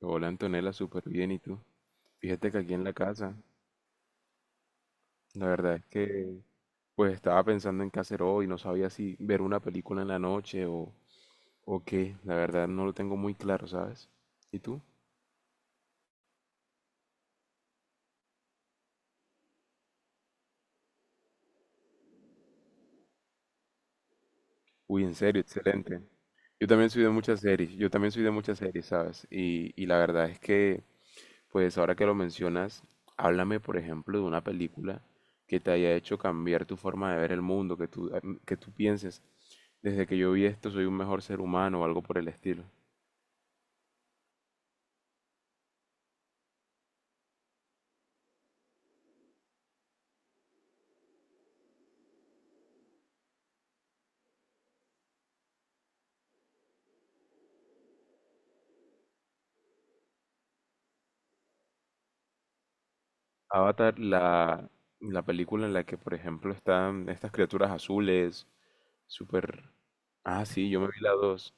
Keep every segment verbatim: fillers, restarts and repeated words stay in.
Hola Antonella, súper bien. ¿Y tú? Fíjate que aquí en la casa, la verdad es que pues estaba pensando en qué hacer hoy, no sabía si ver una película en la noche o, o qué, la verdad no lo tengo muy claro, ¿sabes? ¿Y tú? Uy, en serio, excelente. Yo también soy de muchas series, yo también soy de muchas series, ¿sabes? Y, y la verdad es que pues ahora que lo mencionas, háblame, por ejemplo, de una película que te haya hecho cambiar tu forma de ver el mundo, que tú, em, que tú pienses, desde que yo vi esto soy un mejor ser humano o algo por el estilo. Avatar, la, la película en la que, por ejemplo, están estas criaturas azules, súper. Ah, sí, yo me vi la dos.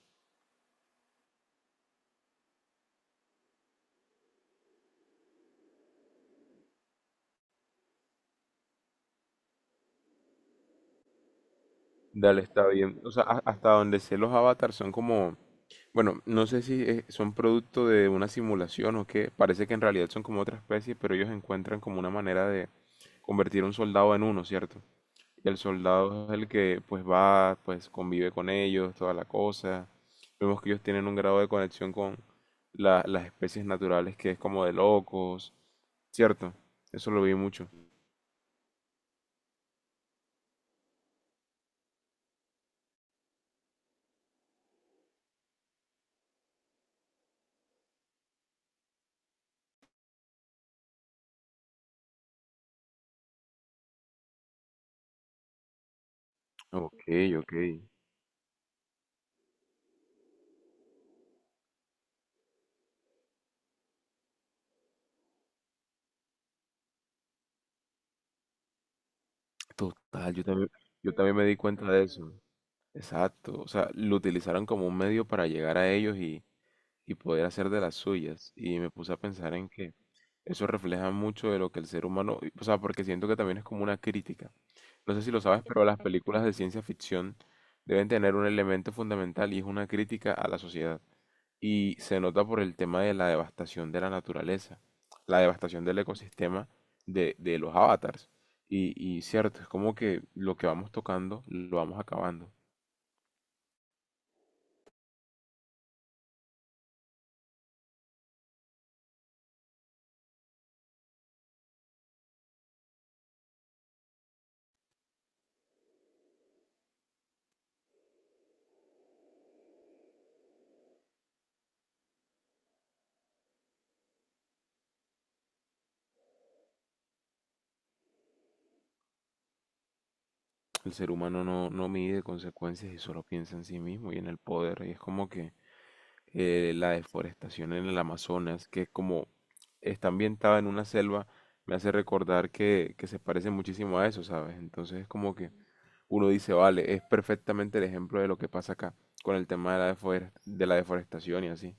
Dale, está bien. O sea, a- hasta donde sé los avatars son como bueno, no sé si eh, son producto de una simulación o qué. Parece que en realidad son como otra especie, pero ellos encuentran como una manera de convertir a un soldado en uno, ¿cierto? Y el soldado es el que pues va, pues convive con ellos, toda la cosa. Vemos que ellos tienen un grado de conexión con la- las especies naturales que es como de locos, ¿cierto? Eso lo vi mucho. Ok, ok. Total, yo también, yo también me di cuenta de eso. Exacto. O sea, lo utilizaron como un medio para llegar a ellos y y poder hacer de las suyas. Y me puse a pensar en que eso refleja mucho de lo que el ser humano, o sea, porque siento que también es como una crítica. No sé si lo sabes, pero las películas de ciencia ficción deben tener un elemento fundamental y es una crítica a la sociedad. Y se nota por el tema de la devastación de la naturaleza, la devastación del ecosistema de, de los avatars. Y, y cierto, es como que lo que vamos tocando lo vamos acabando. El ser humano no, no mide consecuencias y solo piensa en sí mismo y en el poder. Y es como que eh, la deforestación en el Amazonas, que como está ambientada en una selva, me hace recordar que, que se parece muchísimo a eso, ¿sabes? Entonces es como que uno dice, vale, es perfectamente el ejemplo de lo que pasa acá con el tema de la, deforest- de la deforestación y así.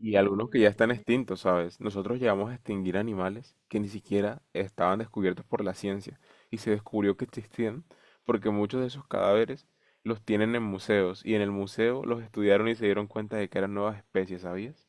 Y algunos que ya están extintos, ¿sabes? Nosotros llegamos a extinguir animales que ni siquiera estaban descubiertos por la ciencia y se descubrió que existían porque muchos de esos cadáveres los tienen en museos y en el museo los estudiaron y se dieron cuenta de que eran nuevas especies, ¿sabías?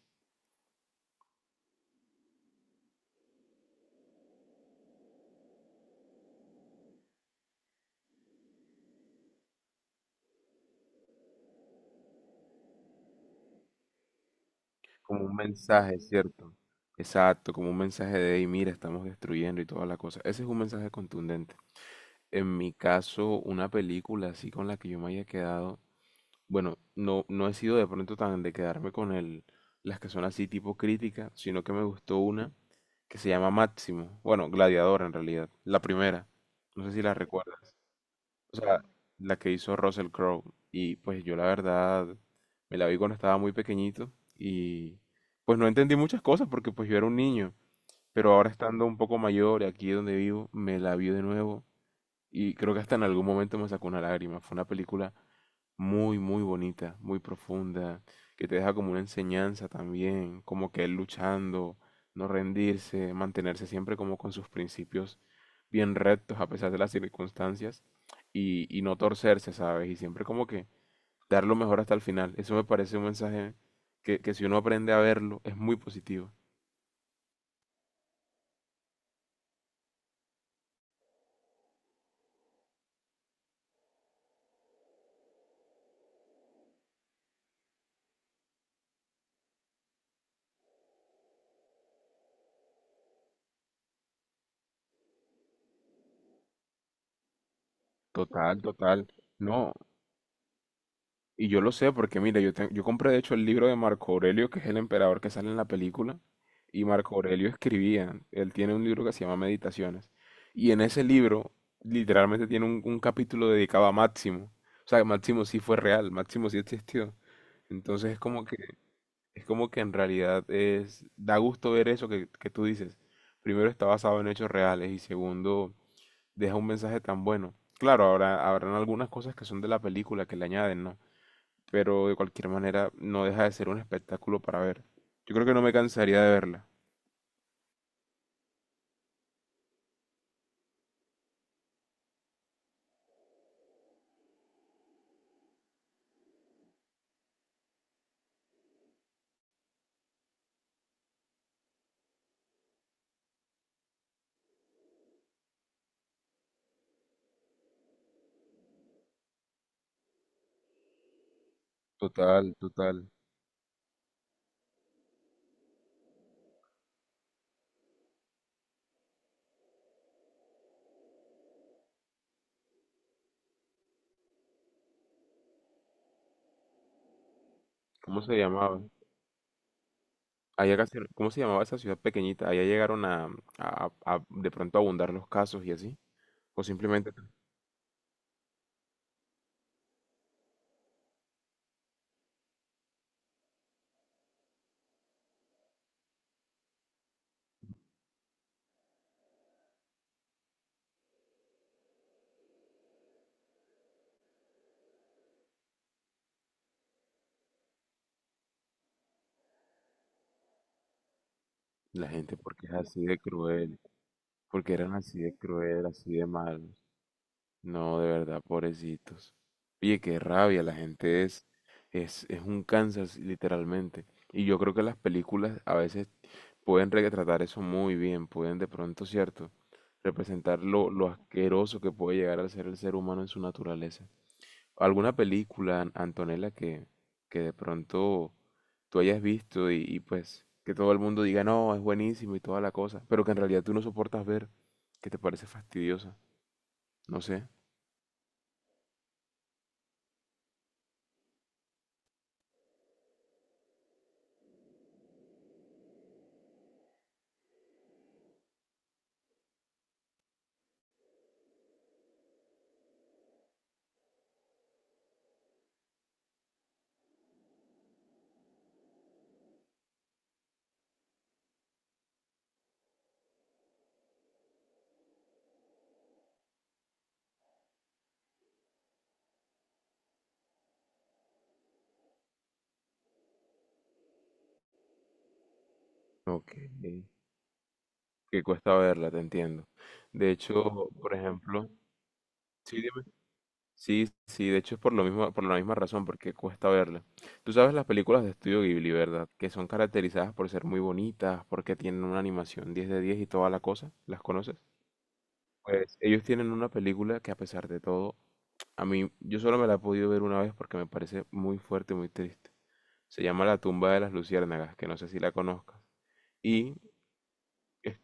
Como un mensaje, ¿cierto? Exacto, como un mensaje de, hey, mira, estamos destruyendo y toda la cosa. Ese es un mensaje contundente. En mi caso, una película así con la que yo me haya quedado, bueno, no, no he sido de pronto tan de quedarme con el, las que son así tipo crítica, sino que me gustó una que se llama Máximo. Bueno, Gladiador en realidad, la primera. No sé si la recuerdas. O sea, la que hizo Russell Crowe. Y pues yo la verdad me la vi cuando estaba muy pequeñito y pues no entendí muchas cosas porque pues yo era un niño. Pero ahora estando un poco mayor y aquí donde vivo, me la vi de nuevo y creo que hasta en algún momento me sacó una lágrima. Fue una película muy, muy bonita, muy profunda, que te deja como una enseñanza también, como que él luchando, no rendirse, mantenerse siempre como con sus principios bien rectos a pesar de las circunstancias y, y no torcerse, ¿sabes? Y siempre como que dar lo mejor hasta el final. Eso me parece un mensaje que, que si uno aprende a verlo es muy positivo. Total, total. No, y yo lo sé porque, mira, yo, te- yo compré de hecho el libro de Marco Aurelio, que es el emperador que sale en la película, y Marco Aurelio escribía, él tiene un libro que se llama Meditaciones, y en ese libro literalmente tiene un, un capítulo dedicado a Máximo. O sea, que Máximo sí fue real, Máximo sí existió. Entonces es como que, es como que en realidad es, da gusto ver eso que, que tú dices. Primero está basado en hechos reales y segundo deja un mensaje tan bueno. Claro, habrá, habrán algunas cosas que son de la película que le añaden, ¿no? Pero de cualquier manera no deja de ser un espectáculo para ver. Yo creo que no me cansaría de verla. Total, total. ¿Cómo se llamaba? Allá casi- ¿cómo se llamaba esa ciudad pequeñita? Allá llegaron a, a- a de pronto abundar los casos y así. O simplemente la gente porque es así de cruel, porque eran así de cruel, así de malos. No, de verdad, pobrecitos. Oye, qué rabia, la gente es, es, es un Kansas, literalmente. Y yo creo que las películas a veces pueden retratar eso muy bien, pueden de pronto, ¿cierto? Representar lo, lo asqueroso que puede llegar a ser el ser humano en su naturaleza. ¿Alguna película, An- Antonella, que, que de pronto tú hayas visto y, y pues que todo el mundo diga, no, es buenísimo y toda la cosa, pero que en realidad tú no soportas ver, que te parece fastidiosa? No sé. Ok. Que cuesta verla, te entiendo. De hecho, por ejemplo, sí, dime. Sí, sí, de hecho es por lo mismo, por la misma razón, porque cuesta verla. Tú sabes las películas de Estudio Ghibli, ¿verdad? Que son caracterizadas por ser muy bonitas, porque tienen una animación diez de diez y toda la cosa. ¿Las conoces? Pues ellos tienen una película que, a pesar de todo, a mí, yo solo me la he podido ver una vez porque me parece muy fuerte, muy triste. Se llama La tumba de las luciérnagas, que no sé si la conozcas. Y eh,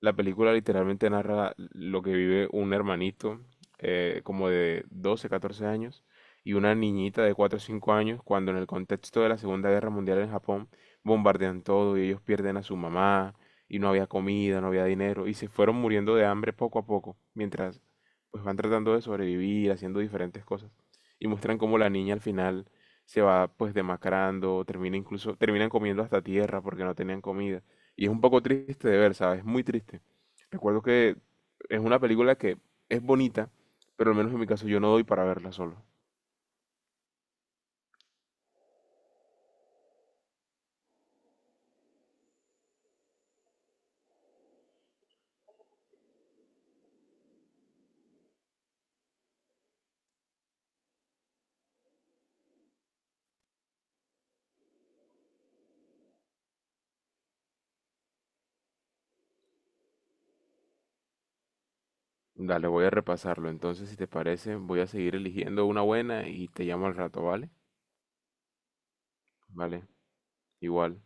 la película literalmente narra lo que vive un hermanito eh, como de doce catorce años y una niñita de cuatro o cinco años cuando en el contexto de la Segunda Guerra Mundial en Japón bombardean todo y ellos pierden a su mamá y no había comida, no había dinero y se fueron muriendo de hambre poco a poco mientras pues van tratando de sobrevivir haciendo diferentes cosas y muestran cómo la niña al final se va pues demacrando, termina incluso, terminan comiendo hasta tierra porque no tenían comida y es un poco triste de ver, ¿sabes? Es muy triste. Recuerdo que es una película que es bonita, pero al menos en mi caso yo no doy para verla solo. Dale, voy a repasarlo. Entonces, si te parece, voy a seguir eligiendo una buena y te llamo al rato, ¿vale? Vale, igual.